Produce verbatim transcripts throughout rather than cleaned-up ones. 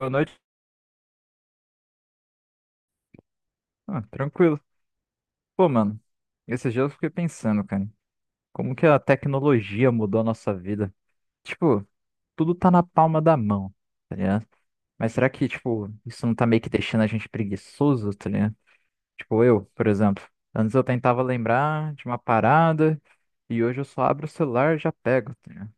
Boa noite. Ah, tranquilo. Pô, mano, esses dias eu fiquei pensando, cara, como que a tecnologia mudou a nossa vida? Tipo, tudo tá na palma da mão, tá ligado? Mas será que, tipo, isso não tá meio que deixando a gente preguiçoso, tá ligado? Tipo, eu, por exemplo, antes eu tentava lembrar de uma parada e hoje eu só abro o celular e já pego, tá ligado?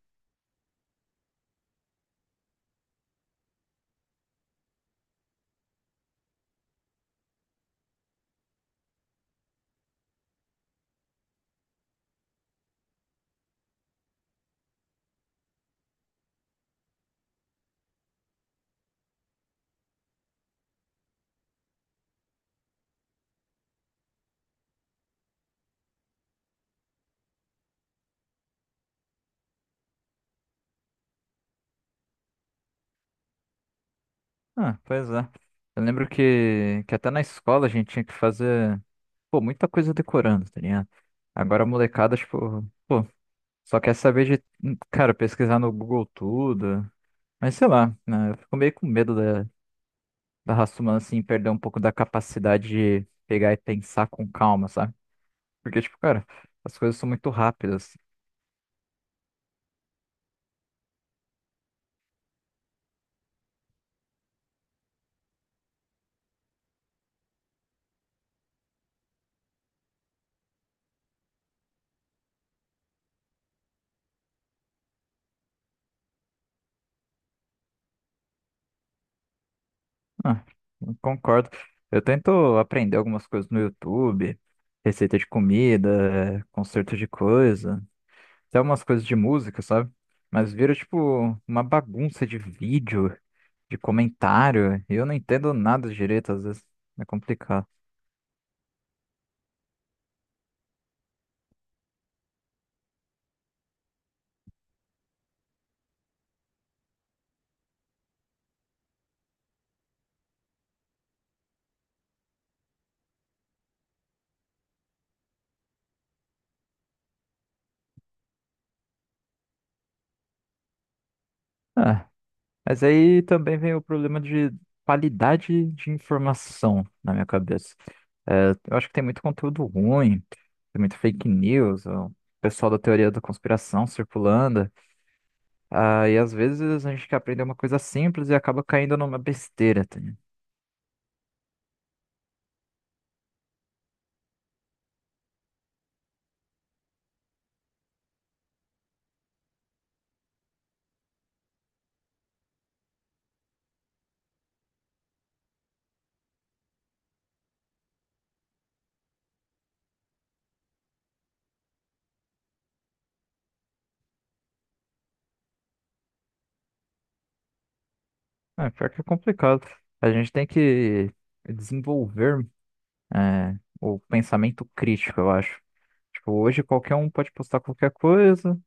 Ah, pois é. Eu lembro que, que até na escola a gente tinha que fazer, pô, muita coisa decorando, tá ligado? Agora a molecada, tipo, pô. Só quer saber de, cara, pesquisar no Google tudo. Mas sei lá, né? Eu fico meio com medo da, da raça humana, assim, perder um pouco da capacidade de pegar e pensar com calma, sabe? Porque, tipo, cara, as coisas são muito rápidas. Ah, eu concordo. Eu tento aprender algumas coisas no YouTube, receita de comida, conserto de coisa, até umas coisas de música, sabe? Mas vira tipo uma bagunça de vídeo, de comentário, e eu não entendo nada direito, às vezes é complicado. Ah, mas aí também vem o problema de qualidade de informação na minha cabeça. É, eu acho que tem muito conteúdo ruim, tem muito fake news, o pessoal da teoria da conspiração circulando. Ah, e às vezes a gente quer aprender uma coisa simples e acaba caindo numa besteira, tá? É, pior que é complicado. A gente tem que desenvolver, é, o pensamento crítico, eu acho. Tipo, hoje qualquer um pode postar qualquer coisa,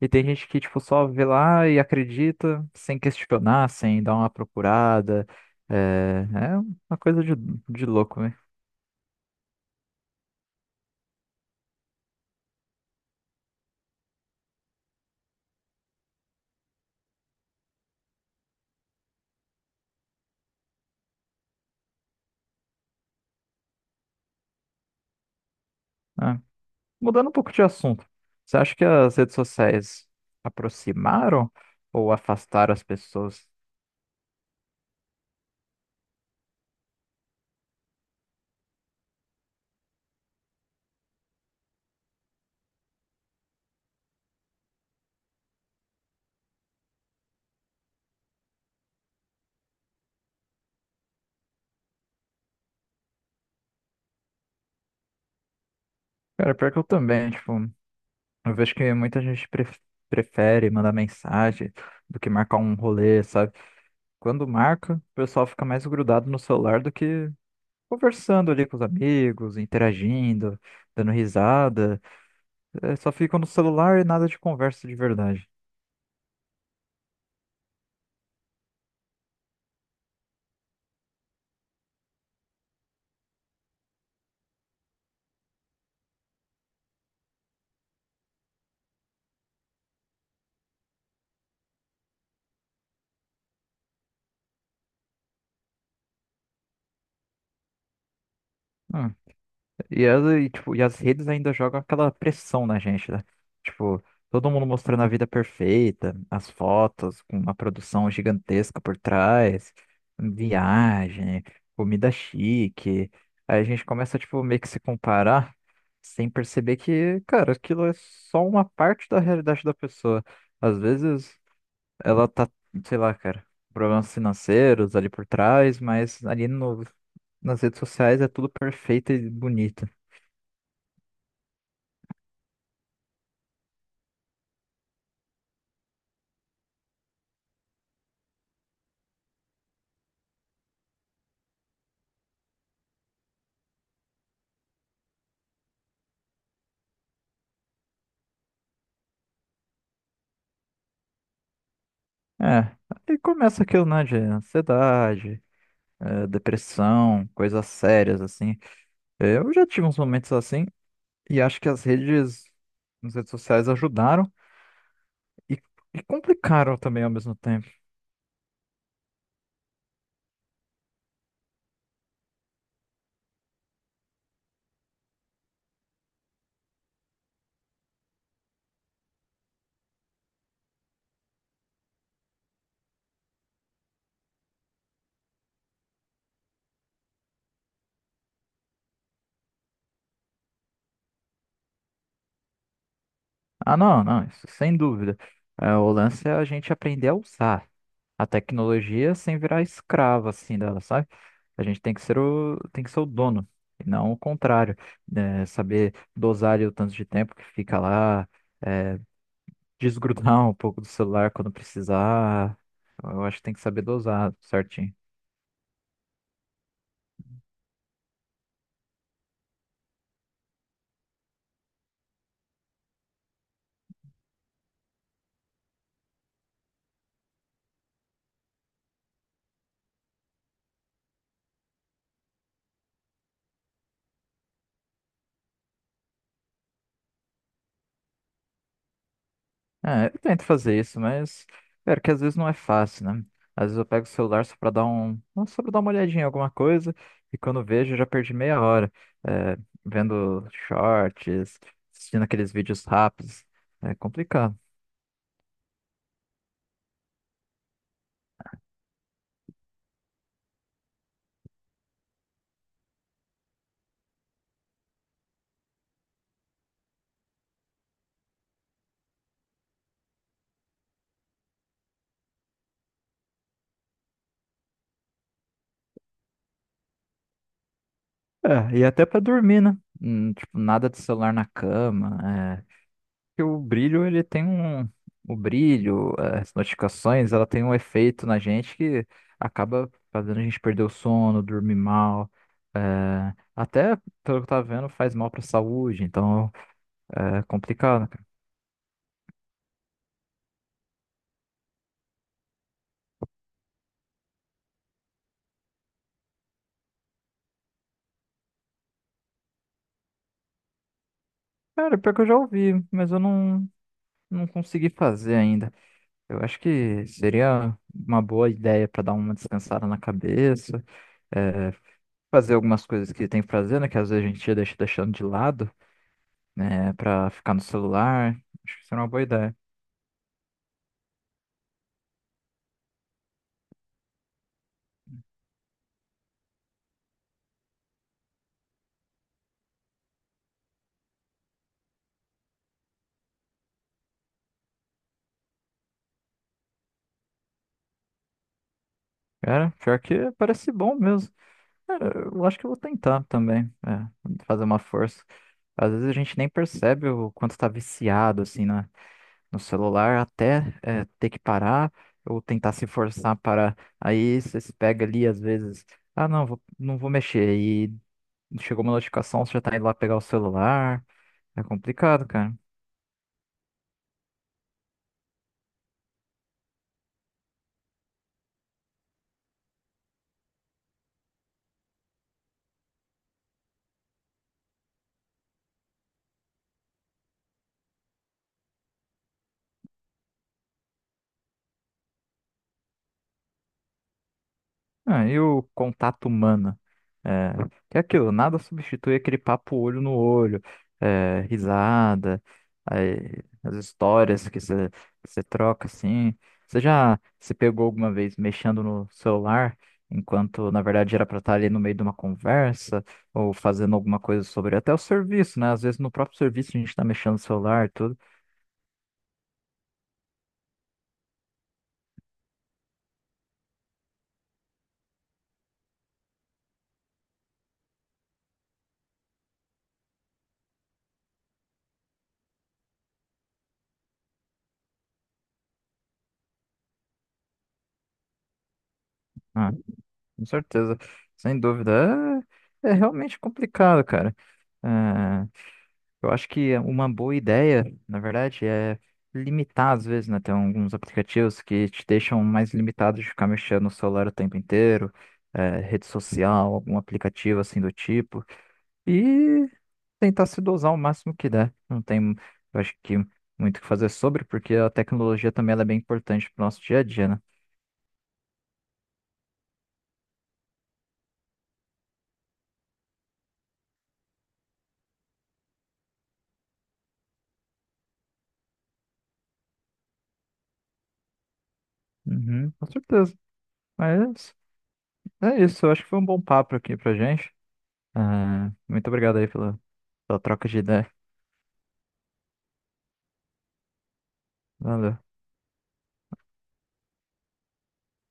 e tem gente que, tipo, só vê lá e acredita, sem questionar, sem dar uma procurada. É, é uma coisa de, de louco, né? É. Mudando um pouco de assunto, você acha que as redes sociais aproximaram ou afastaram as pessoas? Cara, pior que eu também, tipo. Eu vejo que muita gente pref- prefere mandar mensagem do que marcar um rolê, sabe? Quando marca, o pessoal fica mais grudado no celular do que conversando ali com os amigos, interagindo, dando risada. É, só ficam no celular e nada de conversa de verdade. Hum. E as, e, tipo, e as redes ainda jogam aquela pressão na gente, né? Tipo, todo mundo mostrando a vida perfeita, as fotos com uma produção gigantesca por trás, viagem, comida chique. Aí a gente começa, tipo, meio que se comparar sem perceber que, cara, aquilo é só uma parte da realidade da pessoa. Às vezes ela tá, sei lá, cara, problemas financeiros ali por trás, mas ali no, nas redes sociais é tudo perfeito e bonito. É, aí começa aquilo, né, de ansiedade, eh, depressão, coisas sérias, assim. Eh, Eu já tive uns momentos assim, e acho que as redes, as redes sociais ajudaram e, e complicaram também ao mesmo tempo. Ah, não, não, isso sem dúvida. Eh, o lance é a gente aprender a usar a tecnologia sem virar escravo, assim, dela, sabe? A gente tem que ser o, tem que ser o dono, e não o contrário. Eh, saber dosar ali o tanto de tempo que fica lá, desgrudar um pouco do celular quando precisar. Eu acho que tem que saber dosar certinho. É, eu tento fazer isso, mas cara, que às vezes não é fácil, né? Às vezes eu pego o celular só pra dar um, só pra dar uma olhadinha em alguma coisa e quando eu vejo eu já perdi meia hora, é, vendo shorts, assistindo aqueles vídeos rápidos. É complicado. É, e até pra dormir, né? Hum, tipo, nada de celular na cama. É, que o brilho, ele tem um. O brilho, as notificações, ela tem um efeito na gente que acaba fazendo a gente perder o sono, dormir mal. Eh, até, pelo que eu tava vendo, faz mal pra saúde, então é complicado, cara. Cara, pior que eu já ouvi, mas eu não, não consegui fazer ainda. Eu acho que seria uma boa ideia pra dar uma descansada na cabeça, eh, fazer algumas coisas que tem que fazer, né? Que às vezes a gente deixa deixando de lado, né, pra ficar no celular. Acho que seria uma boa ideia. Cara, pior que parece bom mesmo. Cara, eu acho que eu vou tentar também, é, fazer uma força. Às vezes a gente nem percebe o quanto tá viciado, assim, na, no celular, até, é, ter que parar ou tentar se forçar para. Aí você se pega ali, às vezes, ah, não, vou, não vou mexer. E chegou uma notificação, você já tá indo lá pegar o celular. É complicado, cara. Ah, e o contato humano? É, que é aquilo, nada substitui aquele papo olho no olho, é, risada, aí, as histórias que você troca assim. Você já se pegou alguma vez mexendo no celular, enquanto na verdade era para estar ali no meio de uma conversa, ou fazendo alguma coisa, sobre até o serviço, né? Às vezes no próprio serviço a gente está mexendo no celular e tudo. Ah, com certeza, sem dúvida. É, é realmente complicado, cara. É, Eu acho que é uma boa ideia, na verdade, é limitar às vezes, né? Tem alguns aplicativos que te deixam mais limitado de ficar mexendo no celular o tempo inteiro, eh, rede social, algum aplicativo assim do tipo, e tentar se dosar o máximo que der. Não tem, eu acho que, muito o que fazer sobre, porque a tecnologia também ela é bem importante para o nosso dia a dia, né? Uhum, com certeza. Mas é isso, eu acho que foi um bom papo aqui pra gente. Ah, muito obrigado aí pela, pela troca de ideia. Valeu.